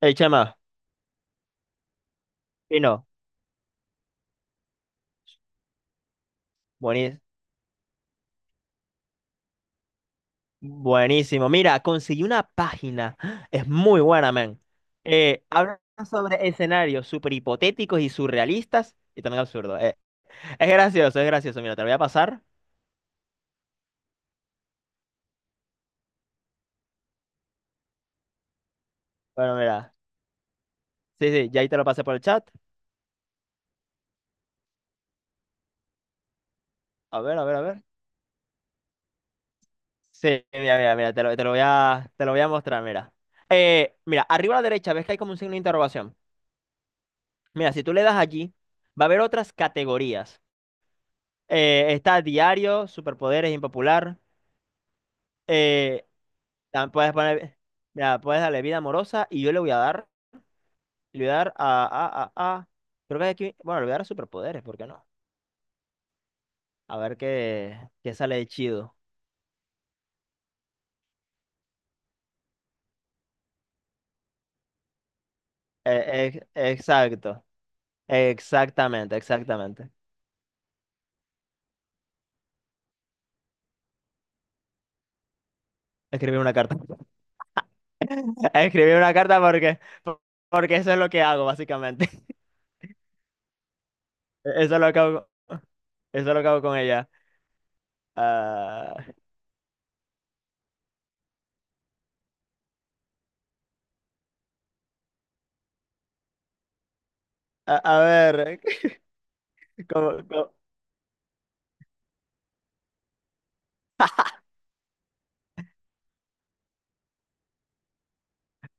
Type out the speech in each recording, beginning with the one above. Hey, chama, Pino, bueni- buenísimo. Mira, conseguí una página. Es muy buena, man. Habla sobre escenarios súper hipotéticos y surrealistas y también absurdos. Es gracioso, es gracioso. Mira, te lo voy a pasar. Bueno, mira. Sí, sí, ya ahí te lo pasé por el chat. A ver, a ver, a ver. Sí, mira, mira, mira, te lo voy a, te lo voy a mostrar, mira. Mira, arriba a la derecha, ves que hay como un signo de interrogación. Mira, si tú le das allí, va a haber otras categorías. Está diario, superpoderes, impopular. Eh, Puedes poner, mira, puedes darle vida amorosa y yo le voy a dar creo que aquí, bueno, le voy a dar superpoderes, ¿por qué no? A ver qué sale de chido. Exacto, exactamente, exactamente. Escribir una carta. Escribir una carta porque eso es lo que hago, básicamente. Eso es lo que hago, eso es lo que hago con ella. Ah, a ver. ¿cómo, cómo,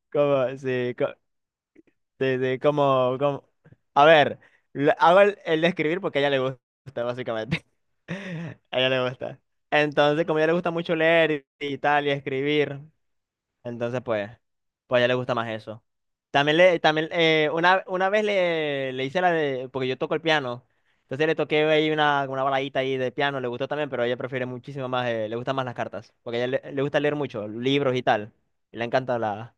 sí, sí, sí, como... A ver, hago el de escribir porque a ella le gusta, básicamente. A ella le gusta. Entonces, como a ella le gusta mucho leer y tal, y escribir, entonces pues a ella le gusta más eso. También una vez le hice la de, porque yo toco el piano, entonces le toqué ahí una baladita ahí de piano, le gustó también, pero ella prefiere muchísimo más, le gustan más las cartas, porque a ella le gusta leer mucho, libros y tal, y le encanta la...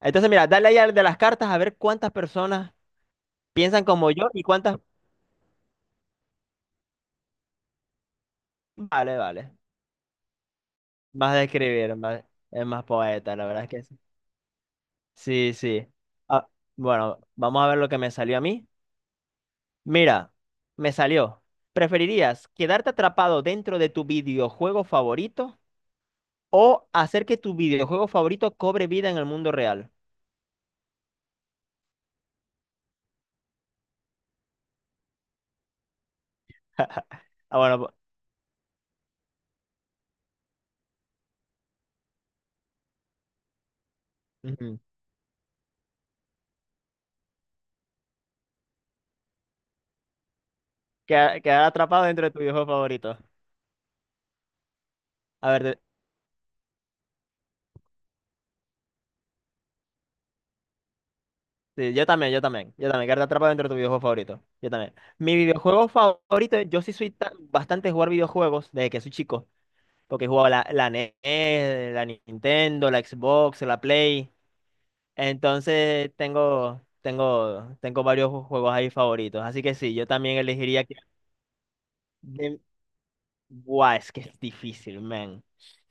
Entonces, mira, dale ahí al de las cartas a ver cuántas personas piensan como yo y cuántas... Vale, vale. Más de escribir, más, es más poeta, la verdad es que sí. Sí, sí. Ah, bueno, vamos a ver lo que me salió a mí. Mira, me salió. ¿Preferirías quedarte atrapado dentro de tu videojuego favorito o hacer que tu videojuego favorito cobre vida en el mundo real? Ah, bueno, ujú. Quedar atrapado dentro de tu videojuego favorito. A ver, sí, yo también, yo también, yo también, quedarte atrapado dentro de tu videojuego favorito, yo también. Mi videojuego favorito, yo sí soy bastante de jugar videojuegos desde que soy chico, porque he jugado la NES, la Nintendo, la Xbox, la Play, entonces tengo, tengo, tengo varios juegos ahí favoritos, así que sí, yo también elegiría que... de- Guau, es que es difícil, man,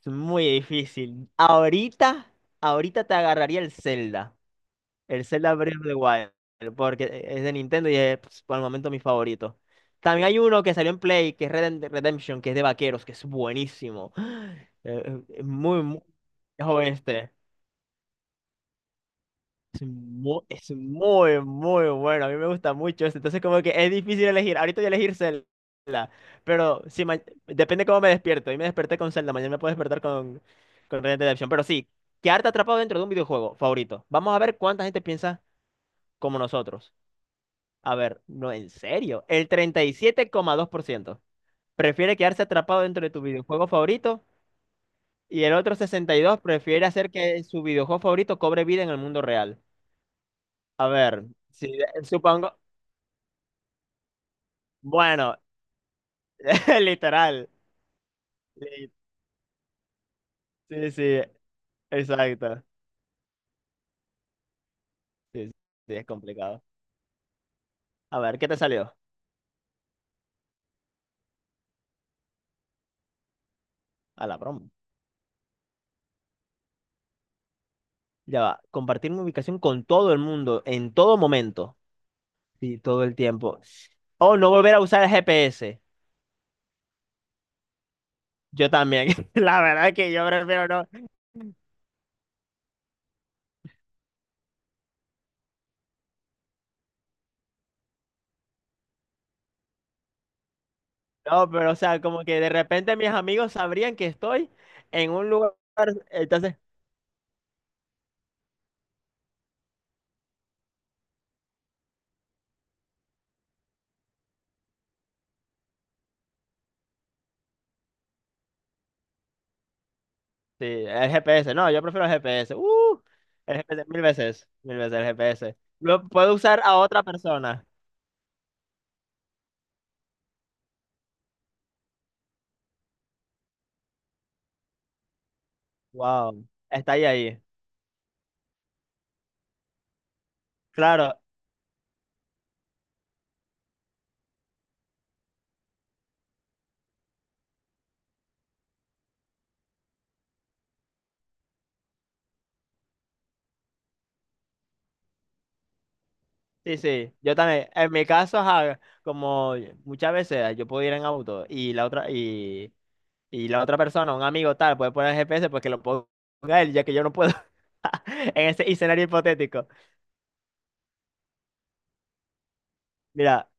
es muy difícil. Ahorita, ahorita te agarraría el Zelda. El Zelda Breath of the Wild, porque es de Nintendo y es pues, por el momento mi favorito. También hay uno que salió en Play, que es Redemption, que es de vaqueros, que es buenísimo. Es muy, muy joven este. Es muy, muy bueno. A mí me gusta mucho este. Entonces, como que es difícil elegir. Ahorita voy a elegir Zelda, pero si ma- depende cómo me despierto. Hoy me desperté con Zelda, mañana me puedo despertar con Red Dead Redemption. Pero sí, quedarte atrapado dentro de un videojuego favorito. Vamos a ver cuánta gente piensa como nosotros. A ver, no, en serio. El 37,2% prefiere quedarse atrapado dentro de tu videojuego favorito y el otro 62% prefiere hacer que su videojuego favorito cobre vida en el mundo real. A ver, si, supongo. Bueno, literal. Li- Sí, sí, exacto. Sí, sí, sí, es complicado. A ver, ¿qué te salió? A la broma. Ya va. Compartir mi ubicación con todo el mundo en todo momento. Sí, todo el tiempo. O no volver a usar el GPS. Yo también, la verdad es que yo prefiero no. No, pero o sea, como que de repente mis amigos sabrían que estoy en un lugar, entonces, sí, el GPS, no, yo prefiero el GPS. El GPS mil veces el GPS. Lo puedo usar a otra persona. Wow, está ahí ahí. Claro, sí, sí, yo también. En mi caso, ajá, como muchas veces yo puedo ir en auto y la otra y la otra persona, un amigo tal, puede poner el GPS porque lo ponga él, ya que yo no puedo. En ese escenario hipotético. Mira,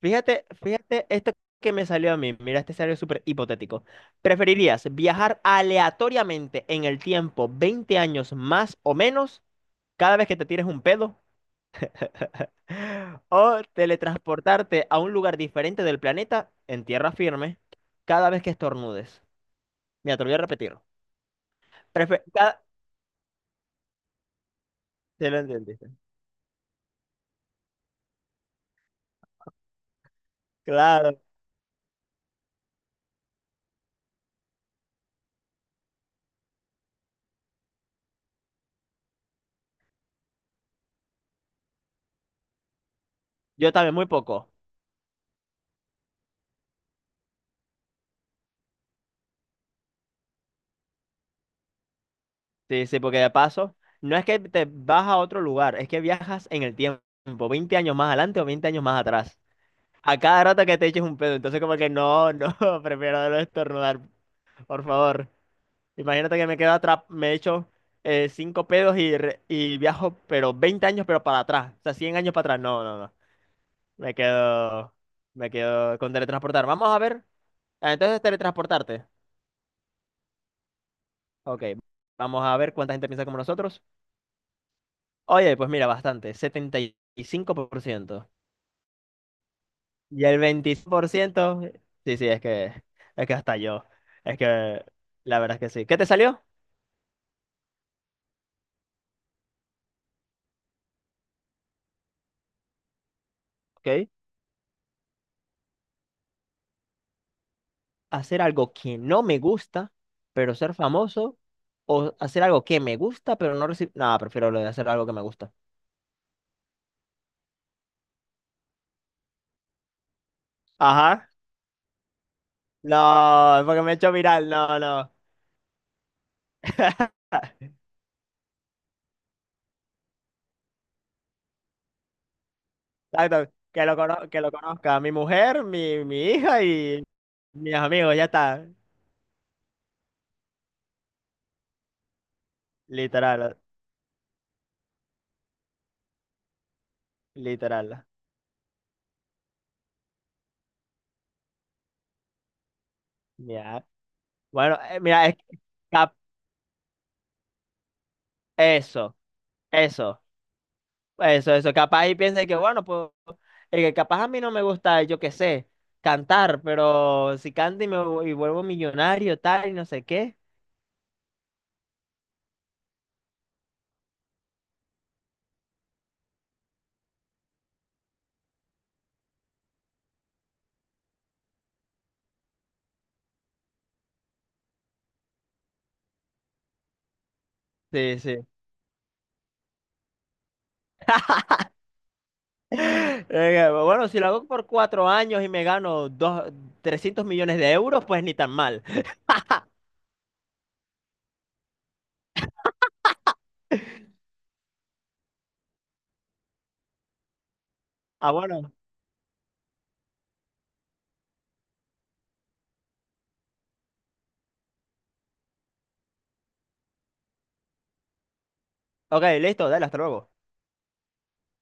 fíjate, fíjate esto que me salió a mí. Mira este escenario súper hipotético. ¿Preferirías viajar aleatoriamente en el tiempo 20 años más o menos cada vez que te tires un pedo? ¿O teletransportarte a un lugar diferente del planeta en tierra firme cada vez que estornudes? Mira, te lo voy a repetir. Prefe- cada- Te lo entendiste. Claro. Yo también, muy poco. Sí, sí, porque de paso, no es que te vas a otro lugar, es que viajas en el tiempo, 20 años más adelante o 20 años más atrás. A cada rato que te eches un pedo, entonces como que no, no, prefiero no estornudar, por favor. Imagínate que me quedo atrás, me echo cinco pedos y viajo, pero 20 años, pero para atrás, o sea, 100 años para atrás, no, no, no. Me quedo, me quedo con teletransportar. Vamos a ver, ah, entonces teletransportarte. Ok, vamos a ver cuánta gente piensa como nosotros. Oye, pues mira, bastante, 75% y el 25% sí, sí, es que hasta yo, es que la verdad es que sí. ¿Qué te salió? Ok. Hacer algo que no me gusta, pero ser famoso, o hacer algo que me gusta, pero no recibir... No, prefiero lo de hacer algo que me gusta. Ajá. No, porque me he hecho viral, no, no. Exacto, que lo conozca mi mujer, mi hija y mis amigos, ya está. Literal, literal. Ya, bueno, mira, es que cap- eso, eso, eso, eso. Capaz y piensa que, bueno, pues, que capaz a mí no me gusta, yo qué sé, cantar, pero si canto y vuelvo millonario, tal, y no sé qué. Sí, sí. Bueno, si lo hago por 4 años y me gano dos, 300 millones de euros, pues ni tan mal. Ah, bueno. Ok, listo, dale, hasta luego.